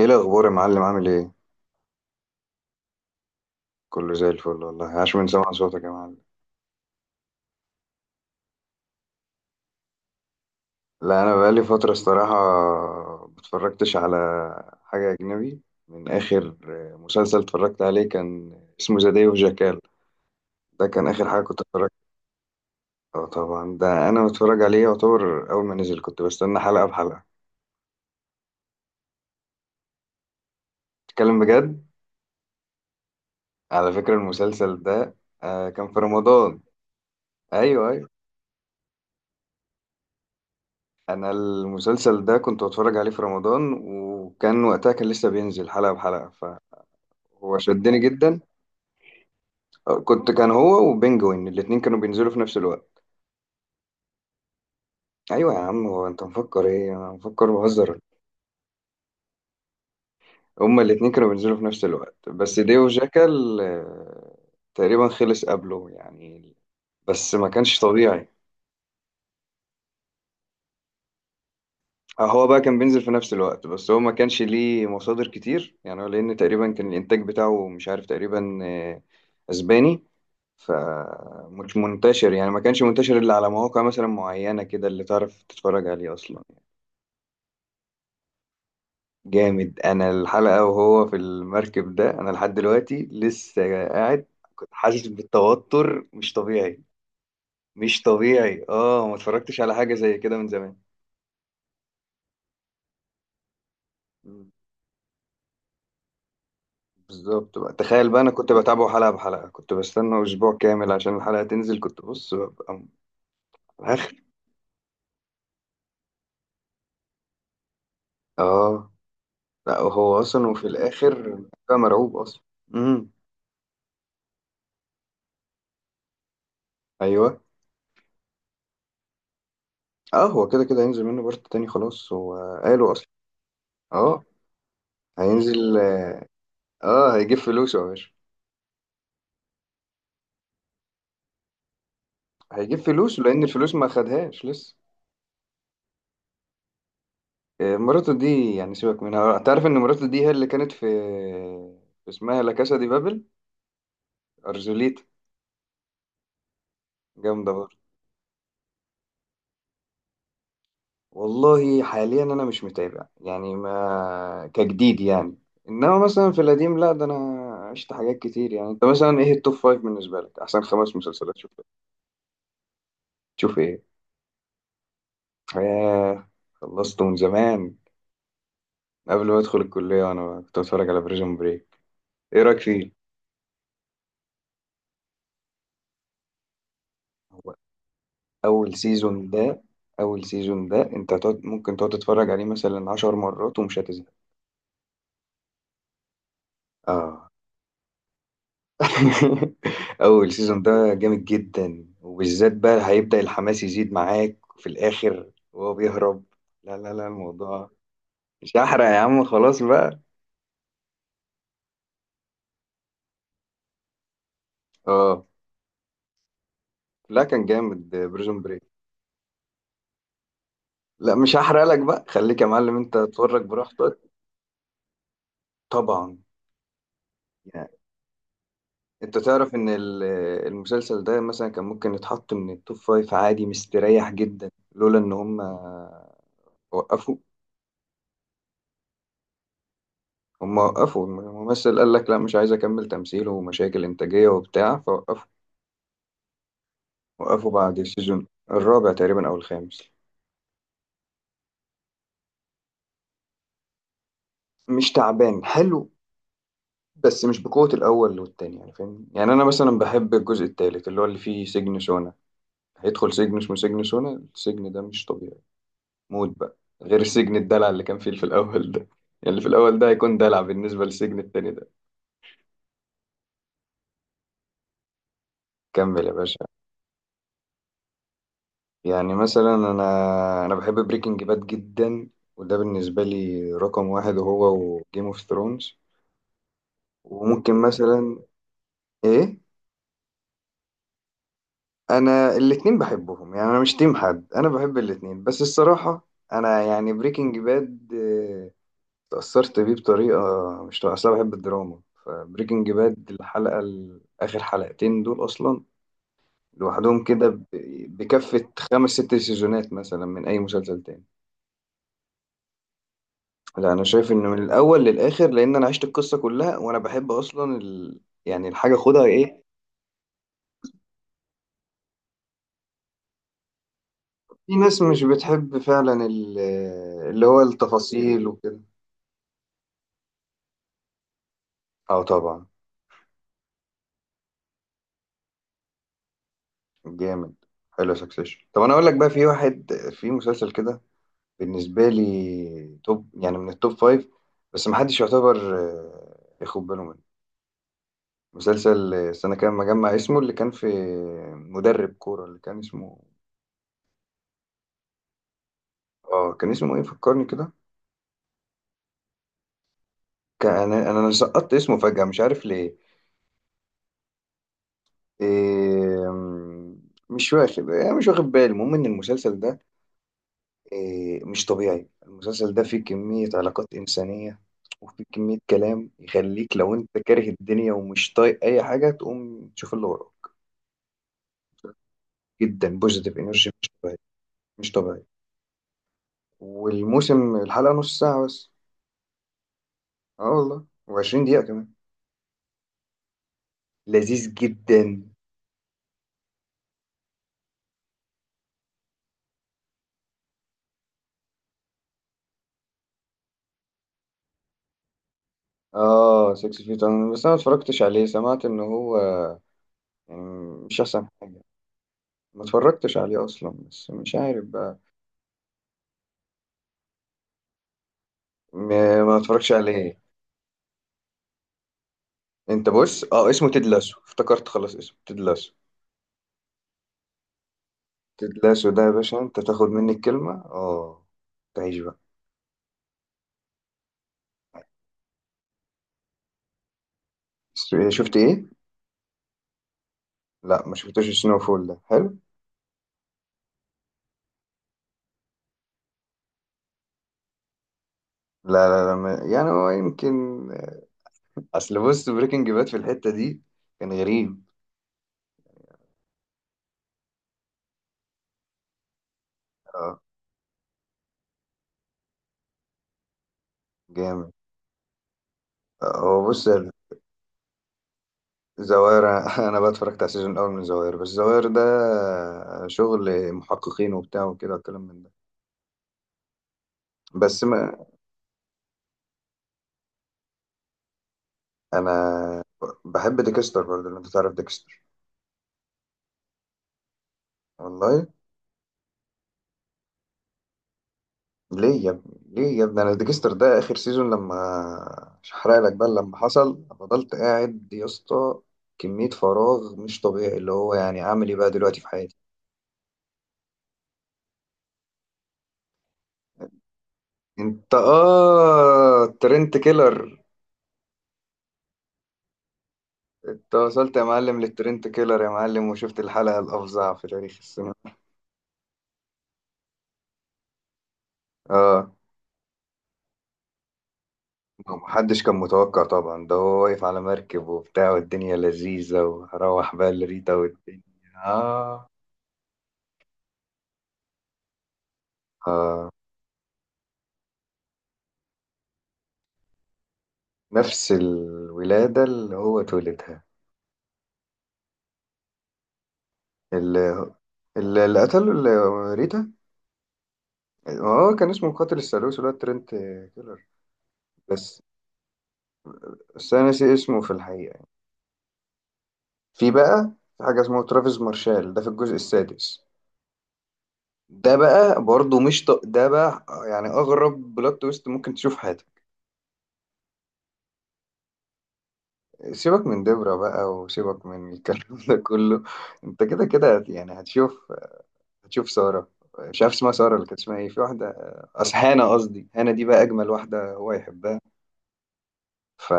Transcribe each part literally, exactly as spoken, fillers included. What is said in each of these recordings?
ايه الاخبار يا معلم؟ عامل ايه؟ كله زي الفل والله. عاش من سمع صوتك يا معلم. لا انا بقالي فتره الصراحه متفرجتش على حاجه اجنبي. من اخر مسلسل اتفرجت عليه كان اسمه ذا داي اوف جاكال. ده كان اخر حاجه كنت اتفرجت. اه طبعا ده انا متفرج عليه، يعتبر اول ما نزل كنت بستنى حلقه بحلقه. تتكلم بجد؟ على فكره المسلسل ده آه كان في رمضان. ايوه ايوه، انا المسلسل ده كنت بتفرج عليه في رمضان وكان وقتها كان لسه بينزل حلقة بحلقة. هو شدني جدا. كنت كان هو وبنجوين الاتنين كانوا بينزلوا في نفس الوقت. ايوه يا عم، هو انت مفكر ايه؟ انا مفكر بهزر؟ هما الاتنين كانوا بينزلوا في نفس الوقت بس ديو جاكال آه، تقريبا خلص قبله يعني. بس ما كانش طبيعي. آه، هو بقى كان بينزل في نفس الوقت بس هو ما كانش ليه مصادر كتير يعني، هو لان تقريبا كان الانتاج بتاعه مش عارف تقريبا آه، اسباني. فمش منتشر يعني، ما كانش منتشر الا على مواقع مثلا معينة كده اللي تعرف تتفرج عليه اصلا. جامد. انا الحلقه وهو في المركب ده انا لحد دلوقتي لسه قاعد. كنت حاسس بالتوتر مش طبيعي. مش طبيعي، اه ما اتفرجتش على حاجه زي كده من زمان. مم. بالظبط بقى، تخيل بقى انا كنت بتابعه حلقه بحلقه، كنت بستنى اسبوع كامل عشان الحلقه تنزل. كنت بص ببقى م- اخر. اه لا هو اصلا وفي الاخر بقى مرعوب اصلا. امم. ايوه. اه هو كده كده هينزل منه بارت تاني خلاص هو. قالوا اصلا اه. هينزل اه. آه، هيجيب فلوسه يا باشا. هيجيب فلوس لان الفلوس ما خدهاش لسه. آه، مراته دي يعني سيبك منها. تعرف ان مراته دي هي اللي كانت في في اسمها لا كاسا دي بابل؟ ارجوليتا. جامده برضه. والله حاليا انا مش متابع يعني، ما كجديد يعني. انما مثلا في القديم لا ده انا عشت حاجات كتير. يعني انت مثلا ايه التوب فايف بالنسبه لك؟ احسن خمس مسلسلات شوف. شوف ايه؟ آه، خلصت من زمان. قبل ما ادخل الكليه وانا كنت بتفرج على بريزون بريك. ايه رايك فيه؟ اول سيزون ده، اول سيزون ده انت تقعد، ممكن تقعد تتفرج عليه مثلا عشر مرات ومش هتزهق. اه. اول سيزون ده جامد جدا، وبالذات بقى هيبدأ الحماس يزيد معاك في الاخر وهو بيهرب. لا لا لا الموضوع مش هحرق يا عم خلاص بقى. اه لا كان جامد بريزون بريك. لا مش هحرق لك بقى، خليك يا معلم انت تتفرج براحتك. طبعا. انت تعرف ان ال- المسلسل ده مثلا كان ممكن يتحط من التوب فايف عادي مستريح جدا لولا ان هم وقفوا. هم وقفوا الممثل، قال لك لا مش عايز اكمل تمثيل، ومشاكل انتاجية وبتاع فوقفوا. وقفوا بعد السيزون الرابع تقريبا او الخامس. مش تعبان، حلو. بس مش بقوة الاول والتاني يعني، فاهم يعني؟ انا مثلا بحب الجزء التالت اللي هو اللي فيه سجن سونا. هيدخل سجن اسمه سجن سونا، السجن ده مش طبيعي. موت بقى. غير سجن الدلع اللي كان فيه في الأول ده، يعني اللي في الأول ده هيكون دلع بالنسبة للسجن التاني ده. كمل يا باشا. يعني مثلا أنا أنا بحب بريكنج باد جدا، وده بالنسبة لي رقم واحد، هو وجيم اوف ثرونز. وممكن مثلا إيه. أنا الاتنين بحبهم يعني، أنا مش تيم حد، أنا بحب الاتنين بس الصراحة. أنا يعني بريكنج باد تأثرت بيه بطريقة مش طبيعية. أصل أنا بحب الدراما، فبريكنج باد الحلقة ال- آخر حلقتين دول أصلا لوحدهم كده ب- بكفة خمس ست سيزونات مثلا من أي مسلسل تاني. لا أنا شايف إنه من الأول للآخر، لأن أنا عشت القصة كلها، وأنا بحب أصلا ال... يعني الحاجة، خدها إيه، في ناس مش بتحب فعلا ال... اللي هو التفاصيل وكده. أه طبعا. جامد. حلو سكسيشن. طب أنا أقول لك بقى، في واحد في مسلسل كده بالنسبة لي توب يعني من التوب فايف، بس محدش يعتبر آه، ياخد باله منه. مسلسل، استنى كده ما اجمع اسمه، اللي كان في مدرب كورة اللي كان اسمه اه. كان اسمه ايه فكرني كده؟ كان انا انا سقطت اسمه فجأة مش عارف ليه. إيه... م- مش واخد يعني، مش واخد بالي. المهم ان المسلسل ده إيه... مش طبيعي. المسلسل ده فيه كمية علاقات إنسانية، وفيه كمية كلام يخليك لو انت كاره الدنيا ومش طايق اي حاجة تقوم تشوف اللي وراك. جدا بوزيتيف انرجي مش طبيعي. مش طبيعي. والموسم الحلقة نص ساعة بس. اه والله. و20 دقيقة كمان. لذيذ جدا. اه 6 فيت. انا بس انا ما اتفرجتش عليه، سمعت ان هو يعني مش احسن حاجة. ما اتفرجتش عليه اصلا بس مش عارف بقى. ما, ما اتفرجش عليه. انت بص اه اسمه تيد لاسو، افتكرت خلاص اسمه تيد لاسو. تيد لاسو ده يا باشا انت تاخد مني الكلمة اه. تعيش بقى. س- شفت ايه؟ لا ما شفتوش سنو فول، ده حلو. لا لا لا ما، يعني هو يمكن آه، اصل بص بريكنج باد في الحتة دي كان غريب. اه. جامد. هو بص الزواير انا بقى اتفرجت على السيزون الاول من الزواير، بس الزواير ده شغل محققين وبتاع وكده والكلام من ده. بس ما انا بحب ديكستر برضه، لو انت تعرف ديكستر. والله. ليه يا ابني ليه يا ابني، انا ديكستر ده اخر سيزون لما، مش هحرق لك بقى، لما حصل فضلت قاعد يا اسطى. كمية فراغ مش طبيعي، اللي هو يعني اعمل ايه بقى دلوقتي في حياتي. انت اه ترنت كيلر. انت وصلت يا معلم للترنت كيلر يا معلم، وشفت الحلقة الأفظع في تاريخ السينما. اه. محدش كان متوقع طبعا. ده هو واقف على مركب وبتاع والدنيا لذيذة، وروح بقى لريتا والدنيا. اه. نفس الولادة اللي هو اتولدها. اللي اللي اللي قتله اللي ريتا. اه كان اسمه قاتل الثالوث، اللي هو الترنت كيلر. بس بس أنا ناسي اسمه في الحقيقة. في بقى، في حاجة اسمها ترافيس مارشال ده في الجزء السادس. ده بقى برضه مش ط... ده بقى يعني اغرب بلوت تويست ممكن تشوف في حياتك. سيبك من دبرة بقى وسيبك من الكلام ده كله. انت كده كده هت- يعني هتشوف. هتشوف سارة، مش عارف اسمها سارة، اللي كانت اسمها ايه، في واحدة أصل هانا، قصدي هانا دي بقى اجمل واحدة هو يحبها. ف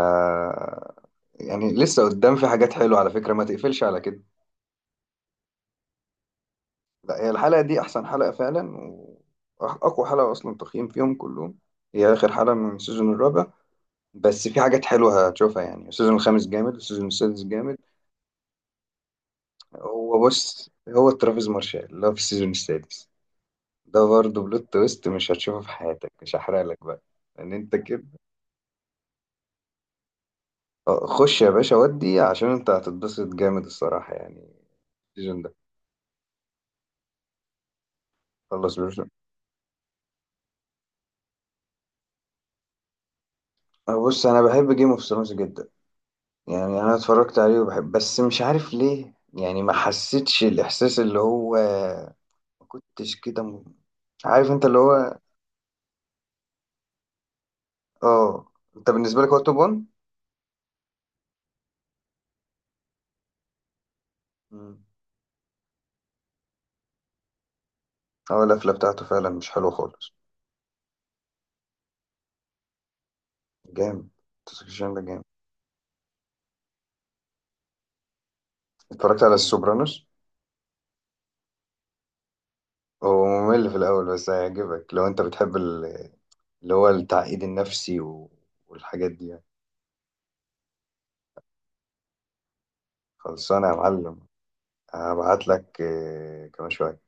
يعني لسه قدام في حاجات حلوة على فكرة، ما تقفلش على كده. لا هي الحلقة دي احسن حلقة فعلا، واقوى حلقة اصلا تقييم فيهم كلهم. هي اخر حلقة من السيزون الرابع. بس في حاجات حلوة هتشوفها يعني، السيزون الخامس جامد والسيزون السادس جامد. هو بص هو ترافيس مارشال اللي هو في السيزون السادس ده برضه بلوت تويست مش هتشوفه في حياتك، مش هحرق لك بقى. ان انت كده، آه، خش يا باشا ودي عشان انت هتتبسط جامد الصراحة يعني. السيزون ده خلص بيرسون. آه، بص انا بحب جيم اوف ثرونز جدا، يعني انا اتفرجت عليه وبحب، بس مش عارف ليه يعني، ما حسيتش الاحساس اللي هو، ما كنتش كده م- عارف انت اللي هو. اه. انت بالنسبة لك هو توب وان. مم. اه القفلة بتاعته فعلا مش حلوة خالص. جامد. تسكشن ده جامد. اتفرجت على السوبرانوس. هو ممل في الأول بس هيعجبك لو أنت بتحب ال- اللي هو التعقيد النفسي و- والحاجات دي يعني. خلصانة يا معلم. هبعت لك آه، كمان شوية.